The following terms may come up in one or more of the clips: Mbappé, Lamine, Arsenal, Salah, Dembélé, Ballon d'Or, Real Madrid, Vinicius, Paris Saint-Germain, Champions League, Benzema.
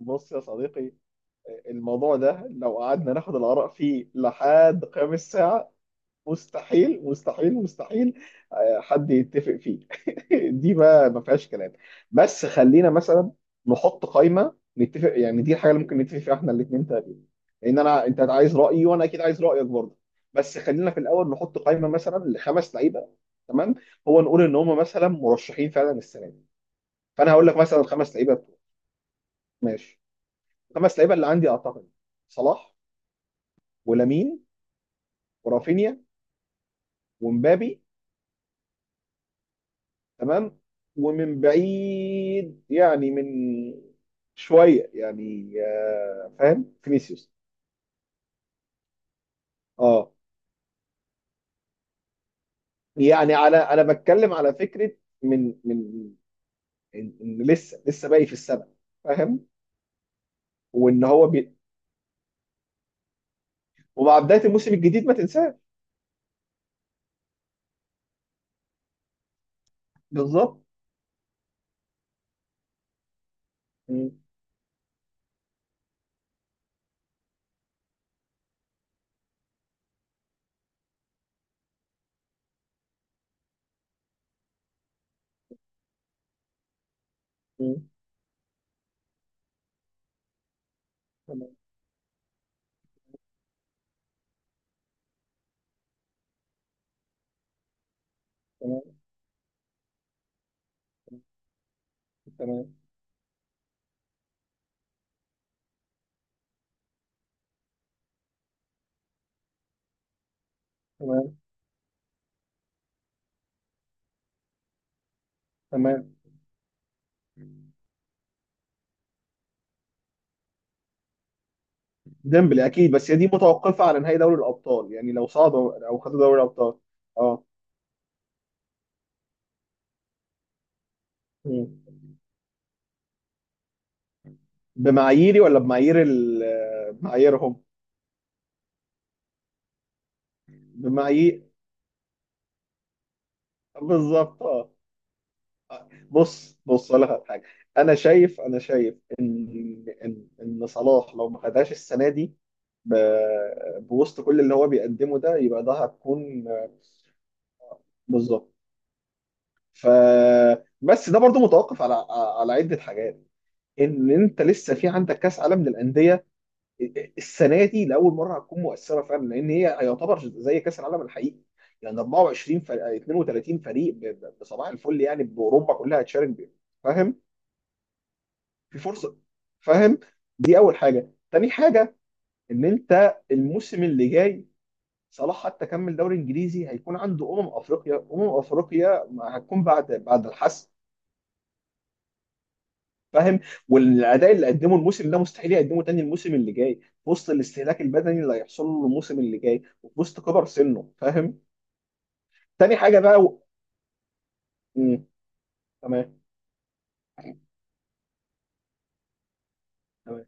بص يا صديقي، الموضوع ده لو قعدنا ناخد الآراء فيه لحد قيام الساعة. مستحيل مستحيل مستحيل، آه، حد يتفق فيه. دي ما فيهاش كلام. بس خلينا مثلا نحط قائمة نتفق، يعني دي الحاجة اللي ممكن نتفق فيها احنا الاثنين تقريبا. لأن أنت عايز رأيي، وأنا أكيد عايز رأيك برضه. بس خلينا في الأول نحط قائمة مثلا لخمس لعيبة. تمام. هو نقول إن هم مثلا مرشحين فعلا السنة دي. فأنا هقول لك مثلا الخمس لعيبة بتوع. ماشي. خمس لعيبه اللي عندي، اعتقد صلاح، ولامين، ورافينيا، ومبابي. تمام. ومن بعيد يعني، من شويه يعني، فاهم، فينيسيوس. اه. يعني، على، انا بتكلم على فكره من إن لسه باقي في السبع، فاهم. وان هو بي... ومع بدايه الموسم الجديد ما تنساه. بالظبط. م- م. تمام. تمام. تمام. تمام. تمام. تمام. ديمبلي اكيد، بس هي دي متوقفه على نهائي دوري الابطال، يعني لو صعدوا او خدوا دوري الابطال. اه. مم. بمعاييري ولا بمعايير معاييرهم؟ بمعايير. بالظبط. اه. بص بص، اقول لك على حاجه. انا شايف ان صلاح لو ما خدهاش السنه دي ب... بوسط كل اللي هو بيقدمه ده، يبقى ده هتكون. بالظبط. ف بس ده برضو متوقف على عده حاجات. ان انت لسه في عندك كاس عالم للانديه، السنه دي لاول مره هتكون مؤثره فعلا، لان هي يعتبر زي كاس العالم الحقيقي. يعني 24 فريق، 32 فريق، بصباح الفل، يعني باوروبا كلها هتشارك بيه. فاهم. في فرصه. فاهم. دي اول حاجه. تاني حاجه، ان انت الموسم اللي جاي، صلاح حتى كمل دوري انجليزي، هيكون عنده افريقيا. افريقيا ما هتكون بعد الحسم. فاهم. والاداء اللي قدمه الموسم ده مستحيل يقدمه تاني الموسم اللي جاي، في وسط الاستهلاك البدني اللي هيحصل له الموسم اللي جاي، وفي وسط كبر سنه. فاهم. تاني حاجه بقى مم. تمام. تمام.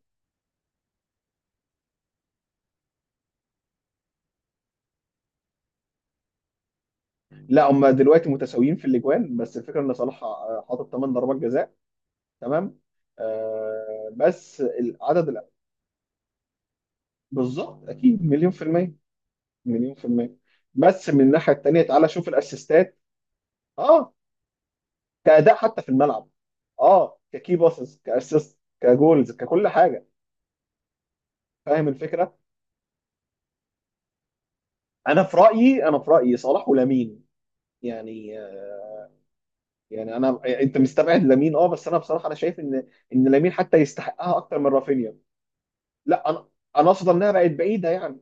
لا، هم دلوقتي متساويين في الاجوان، بس الفكره ان صلاح حاطط 8 ضربات جزاء. تمام. بس العدد بالظبط اكيد، مليون في الميه، مليون في الميه. بس من الناحيه التانيه، تعالى شوف الاسيستات. اه. كأداء حتى في الملعب. اه. ككي باسز، كاسيست، كجولز، ككل حاجه. فاهم الفكره. انا في رايي صلاح ولامين. يعني آه، يعني انت مستبعد لامين. اه. بس انا بصراحه، انا شايف ان لامين حتى يستحقها اكتر من رافينيا. لا، انا اقصد انها بقت بعيده يعني.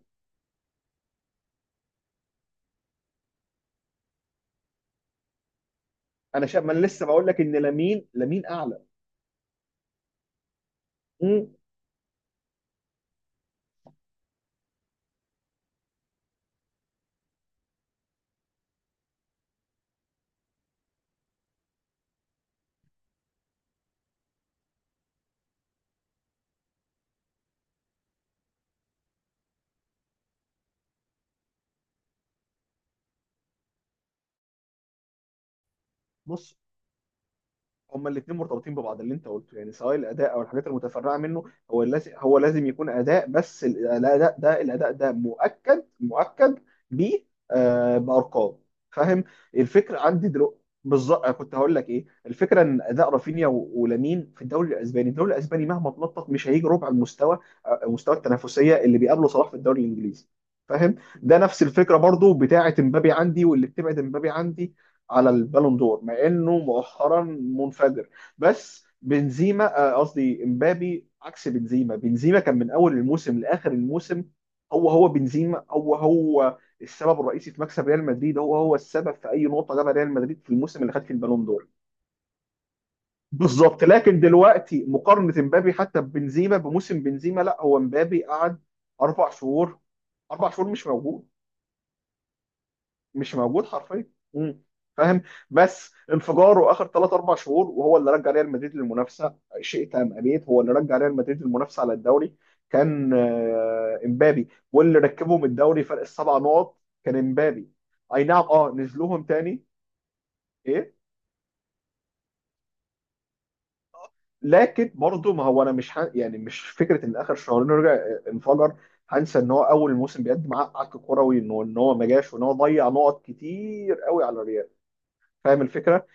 انا شايف، ما انا لسه بقول لك ان لامين لامين اعلى. مم. بص، هما الاثنين مرتبطين ببعض اللي انت قلته، يعني سواء الاداء او الحاجات المتفرعه منه. هو لازم يكون اداء، بس الاداء ده مؤكد مؤكد ب آه، بارقام. فاهم. الفكره عندي دلوقتي بالظبط، كنت هقول لك ايه الفكره. ان اداء رافينيا ولامين في الدوري الاسباني، الدوري الاسباني مهما تنطط مش هيجي ربع المستوى مستوى التنافسيه اللي بيقابله صلاح في الدوري الانجليزي. فاهم. ده نفس الفكره برضو بتاعه امبابي عندي، واللي بتبعد امبابي عندي على البالون دور، مع انه مؤخرا منفجر. بس بنزيما آه، قصدي امبابي عكس بنزيما. بنزيما كان من اول الموسم لاخر الموسم. هو بنزيما، هو السبب الرئيسي في مكسب ريال مدريد. هو السبب في اي نقطه جابها ريال مدريد في الموسم اللي خد فيه البالون دور. بالظبط. لكن دلوقتي مقارنه امبابي حتى ببنزيما بموسم بنزيما، لا. هو امبابي قعد 4 شهور، 4 شهور مش موجود، مش موجود حرفيا. مم. فاهم. بس انفجاره اخر ثلاث اربع شهور، وهو اللي رجع ريال مدريد للمنافسه. شيء تام ابيت، هو اللي رجع ريال مدريد للمنافسه على الدوري. كان امبابي، واللي ركبهم الدوري فرق 7 نقط. كان امبابي. اي نعم. اه، نزلوهم تاني. ايه. لكن برضه، ما هو انا مش ه... يعني مش فكره ان اخر شهرين رجع انفجر. هنسى ان هو اول موسم بيقدم عك كروي، ان هو ما جاش، وان هو ضيع نقط كتير قوي على الريال. فاهم الفكره.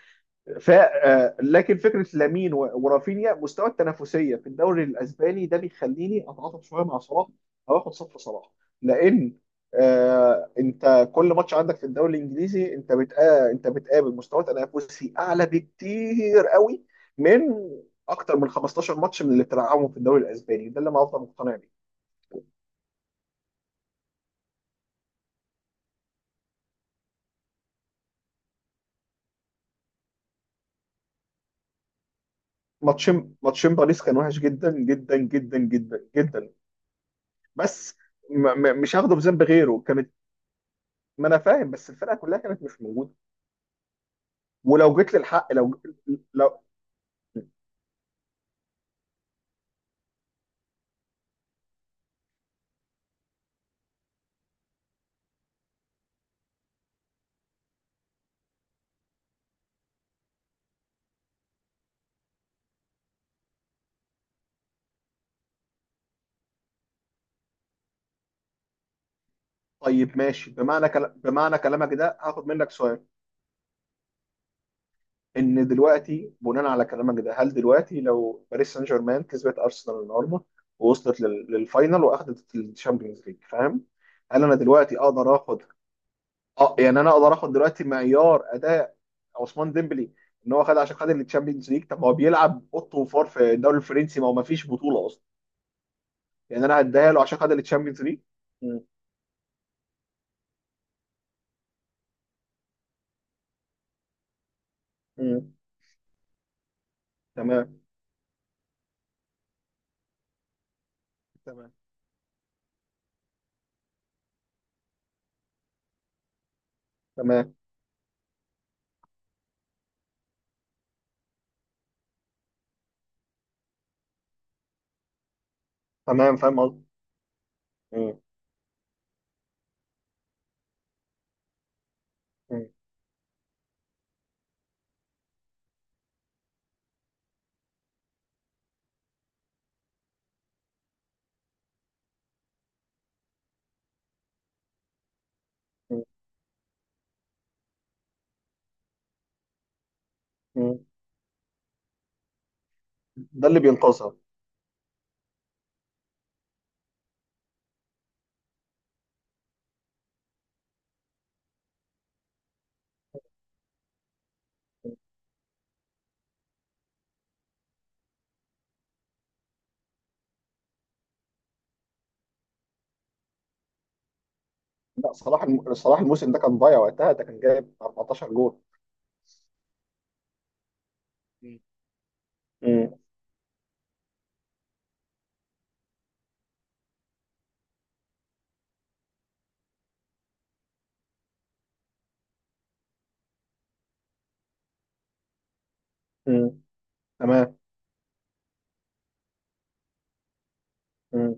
ف آه، لكن فكره لامين ورافينيا، مستوى التنافسيه في الدوري الاسباني ده بيخليني اتعاطف شويه مع صلاح، او اخد صف صلاح. لان انت كل ماتش عندك في الدوري الانجليزي، انت انت بتقابل مستوى تنافسي اعلى بكتير قوي، من اكتر من 15 ماتش من اللي بتلعبهم في الدوري الاسباني، ده اللي انا افضل مقتنع بيه. ماتشين، ماتشين باريس كان وحش جدا جدا جدا جدا جدا. بس مش هاخده بذنب غيره كانت. ما انا فاهم، بس الفرقه كلها كانت مش موجوده. ولو جيت للحق لو لو طيب ماشي، بمعنى بمعنى كلامك ده هاخد منك سؤال. ان دلوقتي بناء على كلامك ده، هل دلوقتي لو باريس سان جيرمان كسبت ارسنال النهارده، ووصلت للفاينل، واخدت الشامبيونز ليج، فاهم، هل انا دلوقتي اقدر اخد؟ اه، يعني انا اقدر اخد دلوقتي معيار اداء عثمان ديمبلي، ان هو خد عشان خد الشامبيونز ليج. طب ما هو بيلعب اوضه وفار في الدوري الفرنسي، ما هو ما فيش بطوله اصلا. يعني انا هديها له عشان خد الشامبيونز ليج. مم. تمام. تمام. تمام. تمام. فاهم قصدي. مم. مم. مم. مم. ده اللي بينقذها. مم. لا صلاح صلاح الموسم ده كان ضايع وقتها، ده كان جايب 14 جول. مم. مم. مم. تمام. مم.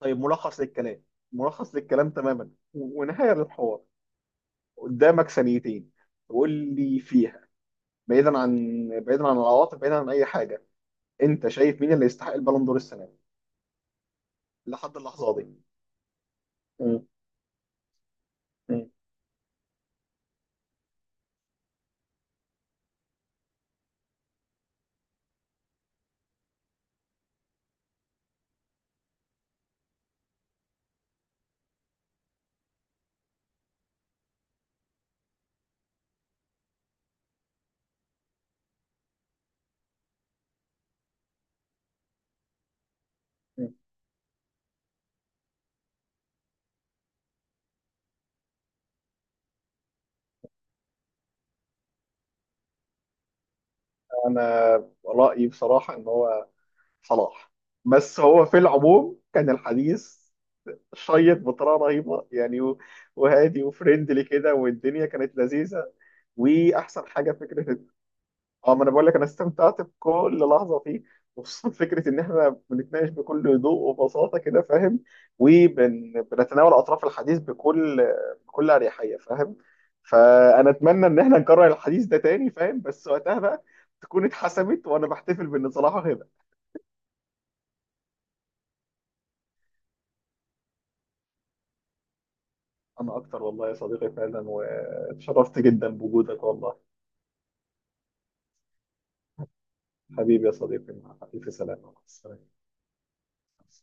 طيب ملخص للكلام، ملخص للكلام تماما ونهاية للحوار. قدامك ثانيتين تقول لي فيها، بعيدا عن بعيدا عن العواطف، بعيدا عن اي حاجه، انت شايف مين اللي يستحق البالون دور السنه دي؟ لحد اللحظه دي. مم. مم. مم. انا رايي بصراحه ان هو صلاح. بس هو في العموم كان الحديث شيق بطريقه رهيبه، يعني وهادي وفريندلي كده، والدنيا كانت لذيذه. واحسن حاجه فكره. اه، ما انا بقول لك انا استمتعت بكل لحظه فيه، وخصوصا فكره ان احنا بنتناقش بكل هدوء وبساطه كده، فاهم. وبنتناول اطراف الحديث بكل اريحيه، فاهم. فانا اتمنى ان احنا نكرر الحديث ده تاني، فاهم. بس وقتها بقى تكون اتحسمت، وانا بحتفل بان صلاح هيبقى. أنا أكتر والله يا صديقي، فعلا واتشرفت جدا بوجودك، والله. حبيبي يا صديقي، مع ألف سلامة. السلام.